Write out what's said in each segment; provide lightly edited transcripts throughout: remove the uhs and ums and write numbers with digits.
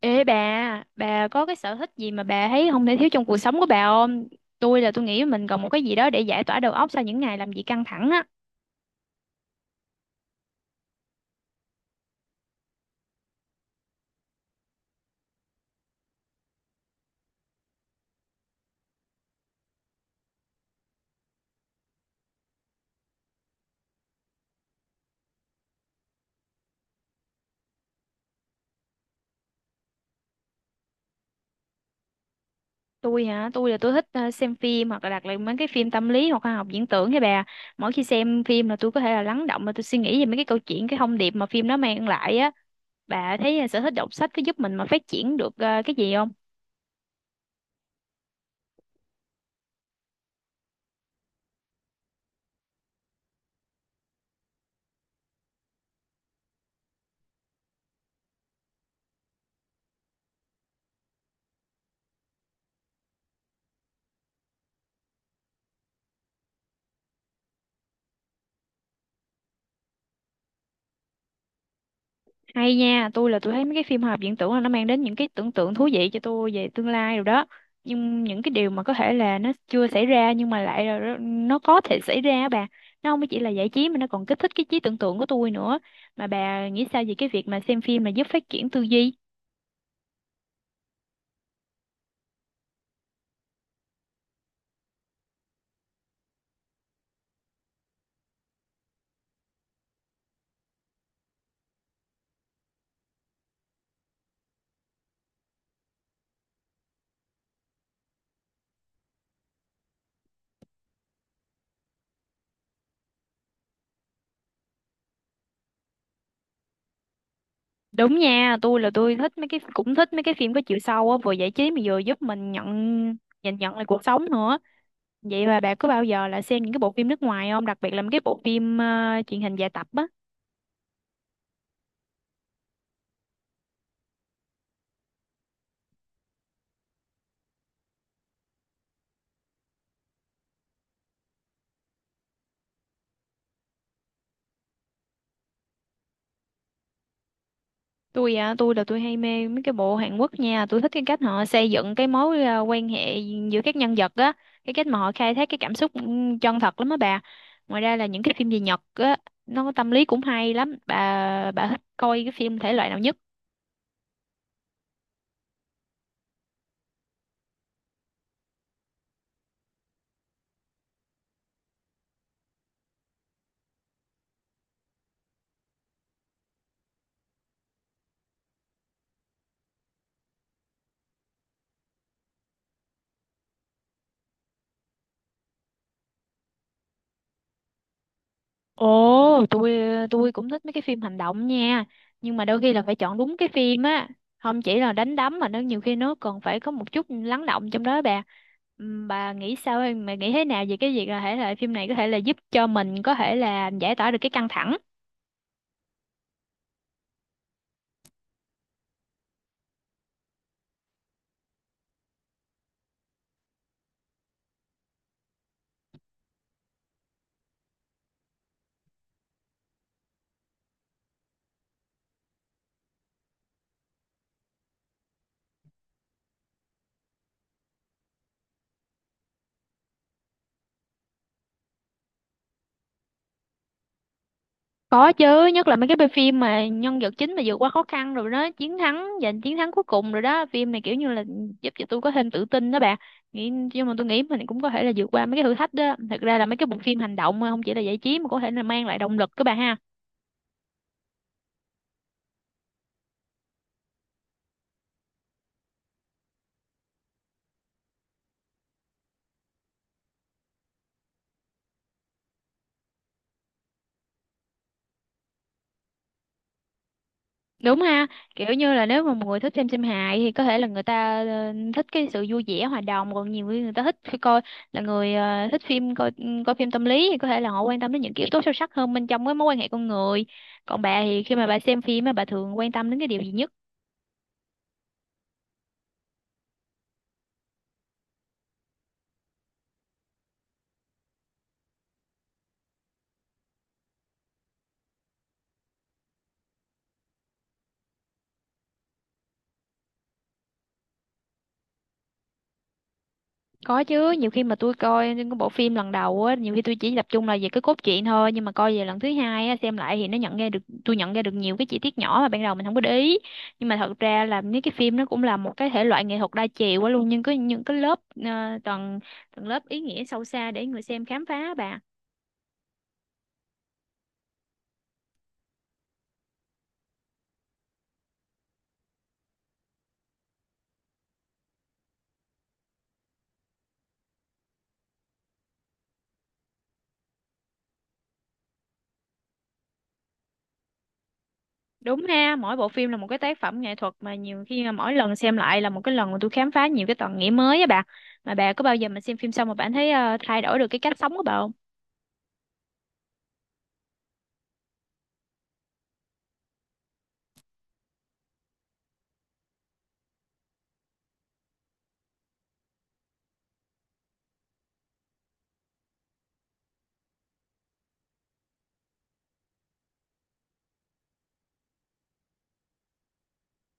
Ê bà có cái sở thích gì mà bà thấy không thể thiếu trong cuộc sống của bà không? Tôi nghĩ mình cần một cái gì đó để giải tỏa đầu óc sau những ngày làm việc căng thẳng á. Tôi hả, tôi thích xem phim hoặc là đặt lại mấy cái phim tâm lý hoặc khoa học viễn tưởng với bà. Mỗi khi xem phim là tôi có thể là lắng động mà tôi suy nghĩ về mấy cái câu chuyện, cái thông điệp mà phim nó mang lại á. Bà thấy sở thích đọc sách có giúp mình mà phát triển được cái gì không? Hay nha, tôi thấy mấy cái phim hoạt viễn tưởng là nó mang đến những cái tưởng tượng thú vị cho tôi về tương lai rồi đó. Nhưng những cái điều mà có thể là nó chưa xảy ra nhưng mà lại là nó có thể xảy ra á bà. Nó không chỉ là giải trí mà nó còn kích thích cái trí tưởng tượng của tôi nữa. Mà bà nghĩ sao về cái việc mà xem phim mà giúp phát triển tư duy? Đúng nha, tôi là tôi thích mấy cái cũng thích mấy cái phim có chiều sâu á, vừa giải trí mà vừa giúp mình nhìn nhận lại cuộc sống nữa. Vậy mà bà có bao giờ là xem những cái bộ phim nước ngoài không? Đặc biệt là mấy cái bộ phim truyền hình dài tập á. Tôi à tôi là tôi hay mê mấy cái bộ Hàn Quốc nha. Tôi thích cái cách họ xây dựng cái mối quan hệ giữa các nhân vật á, cái cách mà họ khai thác cái cảm xúc chân thật lắm á bà. Ngoài ra là những cái phim về Nhật á, nó có tâm lý cũng hay lắm bà. Bà thích coi cái phim thể loại nào nhất? Ồ, tôi cũng thích mấy cái phim hành động nha, nhưng mà đôi khi là phải chọn đúng cái phim á, không chỉ là đánh đấm mà nó nhiều khi nó còn phải có một chút lắng động trong đó bà. Bà nghĩ sao em, bà nghĩ thế nào về cái việc là thể loại phim này có thể là giúp cho mình có thể là giải tỏa được cái căng thẳng? Có chứ, nhất là mấy cái bộ phim mà nhân vật chính mà vượt qua khó khăn rồi đó, giành chiến thắng cuối cùng rồi đó. Phim này kiểu như là giúp cho tôi có thêm tự tin đó bà. Nghĩ, nhưng mà tôi nghĩ mình cũng có thể là vượt qua mấy cái thử thách đó. Thật ra là mấy cái bộ phim hành động không chỉ là giải trí mà có thể là mang lại động lực các bà ha. Đúng ha, kiểu như là nếu mà một người thích xem phim hài thì có thể là người ta thích cái sự vui vẻ hòa đồng, còn nhiều người người ta thích khi coi là người ờ, thích phim coi ừ, coi phim tâm lý thì có thể là họ quan tâm đến những kiểu tố sâu sắc hơn bên trong cái mối quan hệ con người. Còn bà thì khi mà bà xem phim á, bà thường quan tâm đến cái điều gì nhất? Có chứ, nhiều khi mà tôi coi những cái bộ phim lần đầu á, nhiều khi tôi chỉ tập trung là về cái cốt truyện thôi, nhưng mà coi về lần thứ hai á, xem lại thì nó nhận ra được tôi nhận ra được nhiều cái chi tiết nhỏ mà ban đầu mình không có để ý. Nhưng mà thật ra là mấy cái phim nó cũng là một cái thể loại nghệ thuật đa chiều quá luôn, nhưng có những cái lớp ờ, tầng tầng lớp ý nghĩa sâu xa để người xem khám phá bà. Đúng ha, mỗi bộ phim là một cái tác phẩm nghệ thuật mà nhiều khi mà mỗi lần xem lại là một cái lần mà tôi khám phá nhiều cái tầng nghĩa mới á bà. Mà bà có bao giờ mà xem phim xong mà bạn thấy thay đổi được cái cách sống của bà không?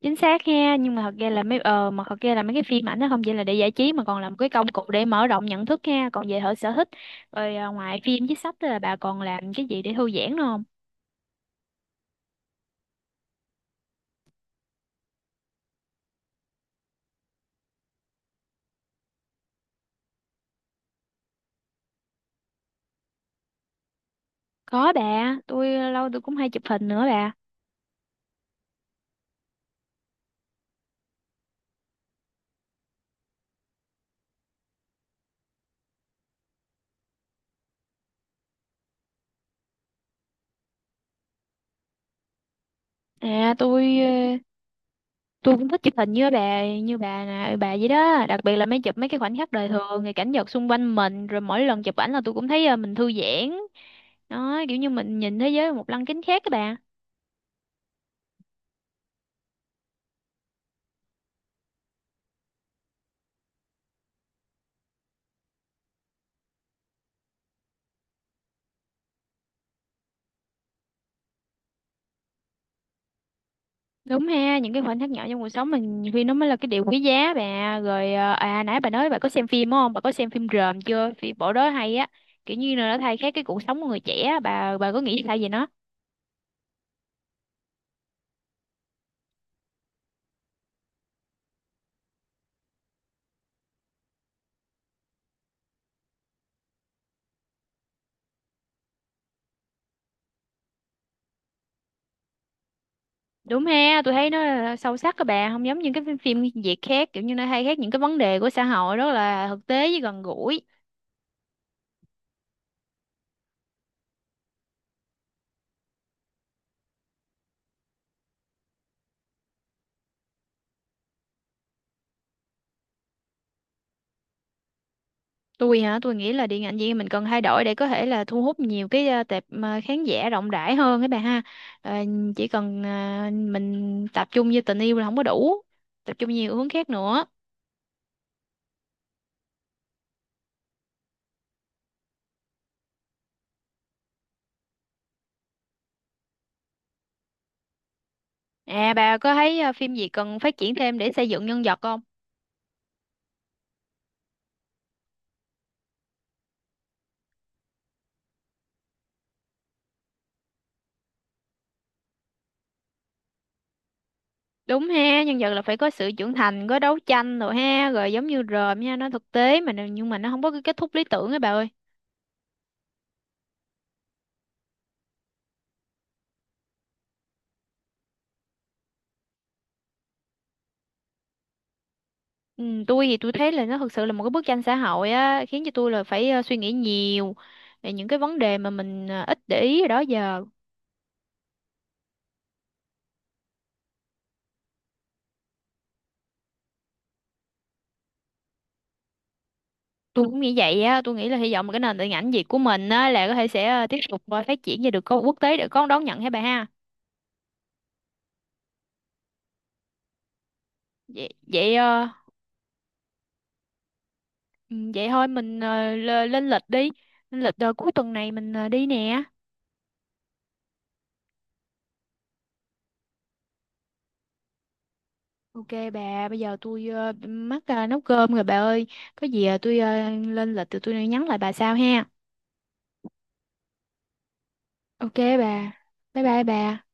Chính xác ha, nhưng mà thật ra là mấy ờ mà thật ra là mấy cái phim ảnh nó không chỉ là để giải trí mà còn là một cái công cụ để mở rộng nhận thức ha. Còn về hệ sở thích, rồi ngoài phim với sách là bà còn làm cái gì để thư giãn nữa không? Có bà, tôi lâu tôi cũng hay chụp hình nữa bà. à tôi ờ, tôi cũng thích chụp hình như bà, như bà nè bà vậy đó, đặc biệt là chụp mấy cái khoảnh khắc đời thường rồi cảnh vật xung quanh mình. Rồi mỗi lần chụp ảnh là tôi cũng thấy mình thư giãn đó, kiểu như mình nhìn thế giới một lăng kính khác các bà. Đúng ha, những cái khoảnh khắc nhỏ trong cuộc sống mình nhiều khi nó mới là cái điều quý giá bà. Rồi nãy bà nói bà có xem phim đúng không? Bà có xem phim Rờm chưa? Phim bộ đó hay á. Kiểu như là nó thay khác cái cuộc sống của người trẻ á. Bà có nghĩ sao về nó? Đúng ha, tôi thấy nó là sâu sắc các bà, không giống những cái phim phim Việt khác, kiểu như nó thay khác những cái vấn đề của xã hội rất là thực tế với gần gũi. Tôi hả? Tôi nghĩ là điện ảnh Việt Nam mình cần thay đổi để có thể là thu hút nhiều cái tệp khán giả rộng rãi hơn các bà ha. Ờ, chỉ cần mình tập trung vô tình yêu là không có đủ, tập trung nhiều hướng khác nữa. À bà có thấy phim gì cần phát triển thêm để xây dựng nhân vật không? Đúng ha, nhân vật là phải có sự trưởng thành, có đấu tranh rồi ha, rồi giống như rờm nha, nó thực tế mà nhưng mà nó không có cái kết thúc lý tưởng ấy bà ơi. Ừ, tôi thấy là nó thực sự là một cái bức tranh xã hội á, khiến cho tôi là phải suy nghĩ nhiều về những cái vấn đề mà mình ít để ý hồi đó giờ. Tôi cũng nghĩ vậy á, tôi nghĩ là hy vọng là cái nền điện ảnh Việt của mình á là có thể sẽ tiếp tục phát triển và được có quốc tế để có đón nhận hả bà ha. Vậy vậy ờ, ừ, Vậy thôi mình lên lịch đi, lên lịch cuối tuần này mình đi nè. Ok bà, bây giờ tôi mắc nấu cơm rồi bà ơi. Có gì tôi lên lịch thì tôi nhắn lại bà sau ha. Ok bà. Bye bye bà.